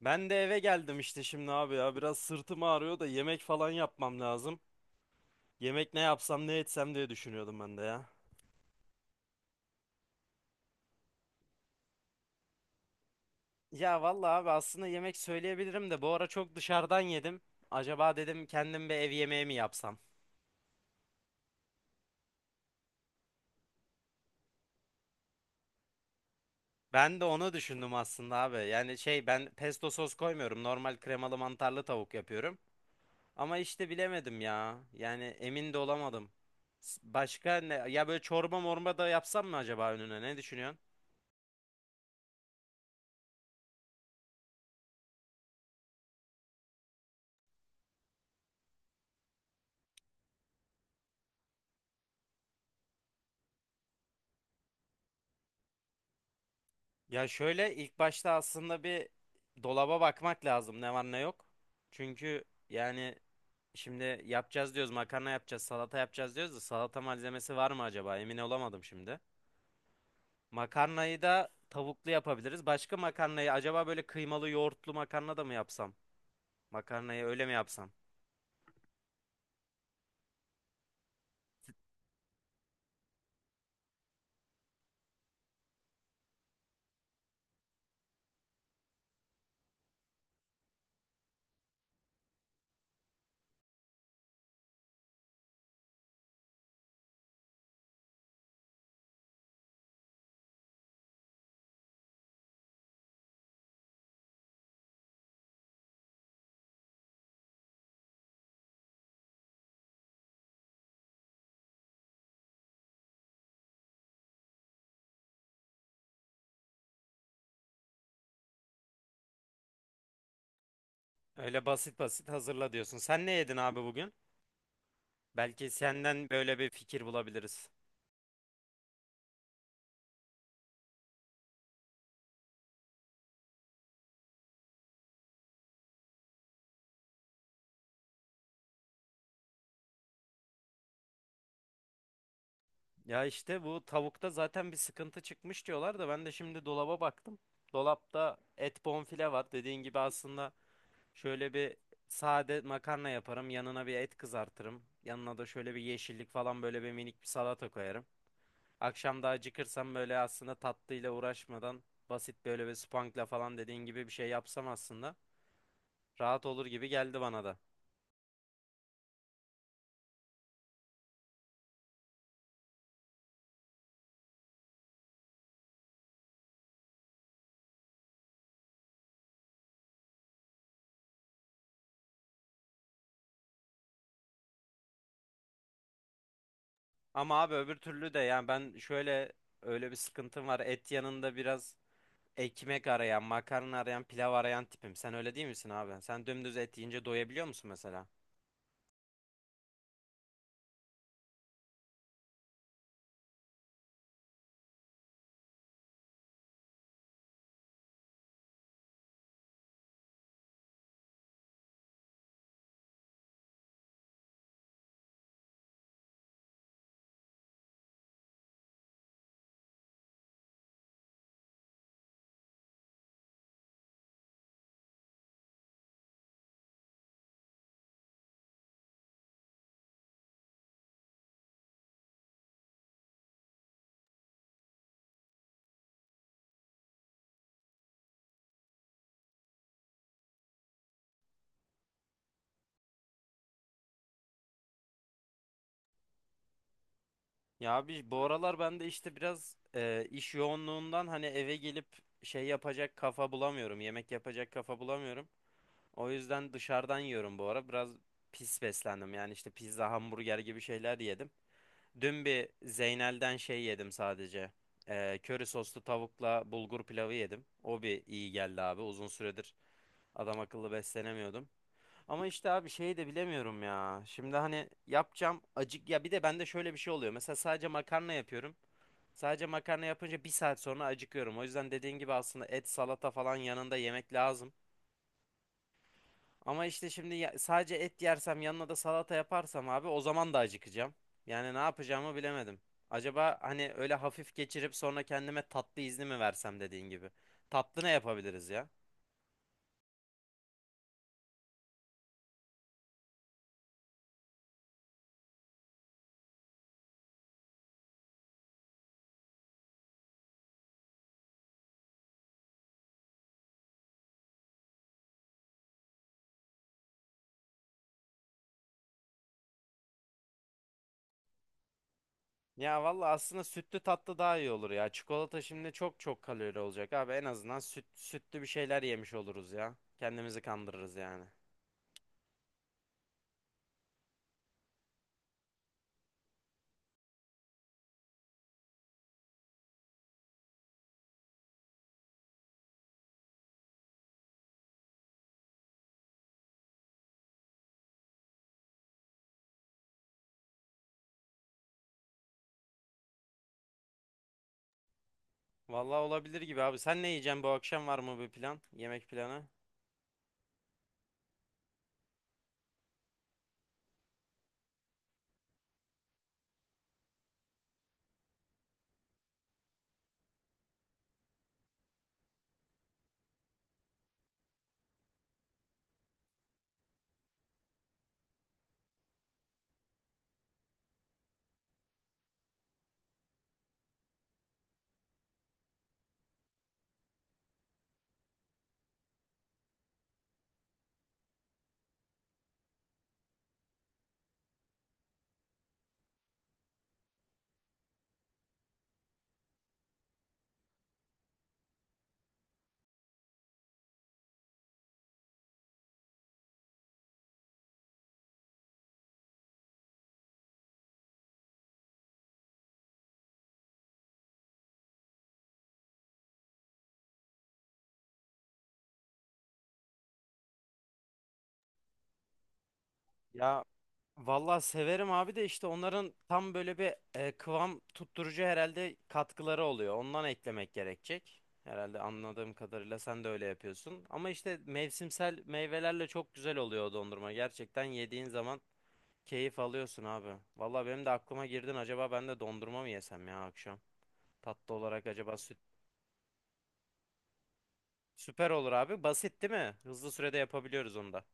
Ben de eve geldim işte şimdi abi ya biraz sırtım ağrıyor da yemek falan yapmam lazım. Yemek ne yapsam ne etsem diye düşünüyordum ben de ya. Ya vallahi abi aslında yemek söyleyebilirim de bu ara çok dışarıdan yedim. Acaba dedim kendim bir ev yemeği mi yapsam? Ben de onu düşündüm aslında abi. Yani şey ben pesto sos koymuyorum. Normal kremalı mantarlı tavuk yapıyorum. Ama işte bilemedim ya. Yani emin de olamadım. Başka ne? Ya böyle çorba morba da yapsam mı acaba önüne? Ne düşünüyorsun? Ya şöyle ilk başta aslında bir dolaba bakmak lazım ne var ne yok. Çünkü yani şimdi yapacağız diyoruz, makarna yapacağız, salata yapacağız diyoruz da salata malzemesi var mı acaba, emin olamadım şimdi. Makarnayı da tavuklu yapabiliriz. Başka makarnayı acaba böyle kıymalı yoğurtlu makarna da mı yapsam? Makarnayı öyle mi yapsam? Öyle basit basit hazırla diyorsun. Sen ne yedin abi bugün? Belki senden böyle bir fikir bulabiliriz. Ya işte bu tavukta zaten bir sıkıntı çıkmış diyorlar da ben de şimdi dolaba baktım. Dolapta et, bonfile var. Dediğin gibi aslında şöyle bir sade makarna yaparım. Yanına bir et kızartırım. Yanına da şöyle bir yeşillik falan, böyle bir minik bir salata koyarım. Akşam da acıkırsam böyle aslında tatlıyla uğraşmadan basit böyle bir spankla falan dediğin gibi bir şey yapsam aslında rahat olur gibi geldi bana da. Ama abi öbür türlü de yani ben şöyle öyle bir sıkıntım var. Et yanında biraz ekmek arayan, makarna arayan, pilav arayan tipim. Sen öyle değil misin abi? Sen dümdüz et yiyince doyabiliyor musun mesela? Ya abi bu aralar ben de işte biraz iş yoğunluğundan hani eve gelip şey yapacak kafa bulamıyorum. Yemek yapacak kafa bulamıyorum. O yüzden dışarıdan yiyorum bu ara. Biraz pis beslendim. Yani işte pizza, hamburger gibi şeyler yedim. Dün bir Zeynel'den şey yedim sadece. Köri soslu tavukla bulgur pilavı yedim. O bir iyi geldi abi. Uzun süredir adam akıllı beslenemiyordum. Ama işte abi şeyi de bilemiyorum ya. Şimdi hani yapacağım acık ya, bir de bende şöyle bir şey oluyor. Mesela sadece makarna yapıyorum. Sadece makarna yapınca bir saat sonra acıkıyorum. O yüzden dediğin gibi aslında et, salata falan yanında yemek lazım. Ama işte şimdi sadece et yersem yanına da salata yaparsam abi o zaman da acıkacağım. Yani ne yapacağımı bilemedim. Acaba hani öyle hafif geçirip sonra kendime tatlı izni mi versem dediğin gibi. Tatlı ne yapabiliriz ya? Ya valla aslında sütlü tatlı daha iyi olur ya. Çikolata şimdi çok çok kalori olacak abi. En azından süt, sütlü bir şeyler yemiş oluruz ya. Kendimizi kandırırız yani. Valla olabilir gibi abi. Sen ne yiyeceksin bu akşam, var mı bir plan? Yemek planı? Ya valla severim abi de işte onların tam böyle bir kıvam tutturucu herhalde katkıları oluyor. Ondan eklemek gerekecek. Herhalde anladığım kadarıyla sen de öyle yapıyorsun. Ama işte mevsimsel meyvelerle çok güzel oluyor o dondurma. Gerçekten yediğin zaman keyif alıyorsun abi. Valla benim de aklıma girdin. Acaba ben de dondurma mı yesem ya akşam? Tatlı olarak acaba süt. Süper olur abi. Basit değil mi? Hızlı sürede yapabiliyoruz onu da.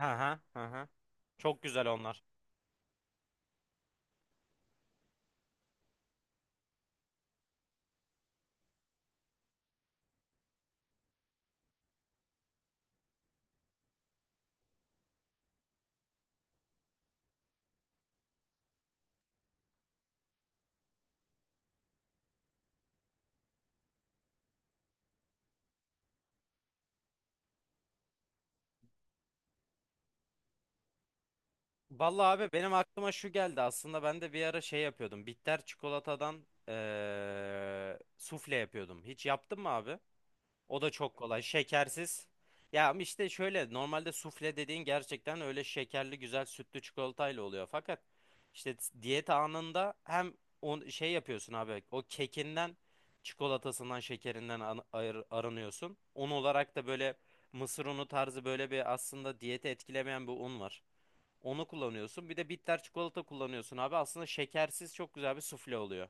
Hı hı hı. Hı. Çok güzel onlar. Valla abi benim aklıma şu geldi. Aslında ben de bir ara şey yapıyordum. Bitter çikolatadan sufle yapıyordum. Hiç yaptın mı abi? O da çok kolay. Şekersiz. Ya ama işte şöyle normalde sufle dediğin gerçekten öyle şekerli güzel sütlü çikolatayla oluyor. Fakat işte diyet anında hem o şey yapıyorsun abi o kekinden çikolatasından şekerinden aranıyorsun. Un olarak da böyle mısır unu tarzı böyle bir aslında diyeti etkilemeyen bir un var. Onu kullanıyorsun. Bir de bitter çikolata kullanıyorsun abi. Aslında şekersiz çok güzel bir sufle oluyor.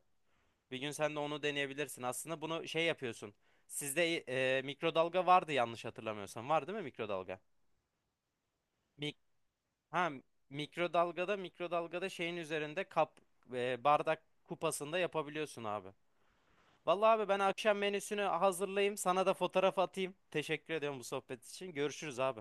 Bir gün sen de onu deneyebilirsin. Aslında bunu şey yapıyorsun. Sizde mikrodalga vardı yanlış hatırlamıyorsam. Var değil mi mikrodalga? Mik ha mikrodalgada mikrodalgada şeyin üzerinde bardak kupasında yapabiliyorsun abi. Vallahi abi ben akşam menüsünü hazırlayayım. Sana da fotoğraf atayım. Teşekkür ediyorum bu sohbet için. Görüşürüz abi.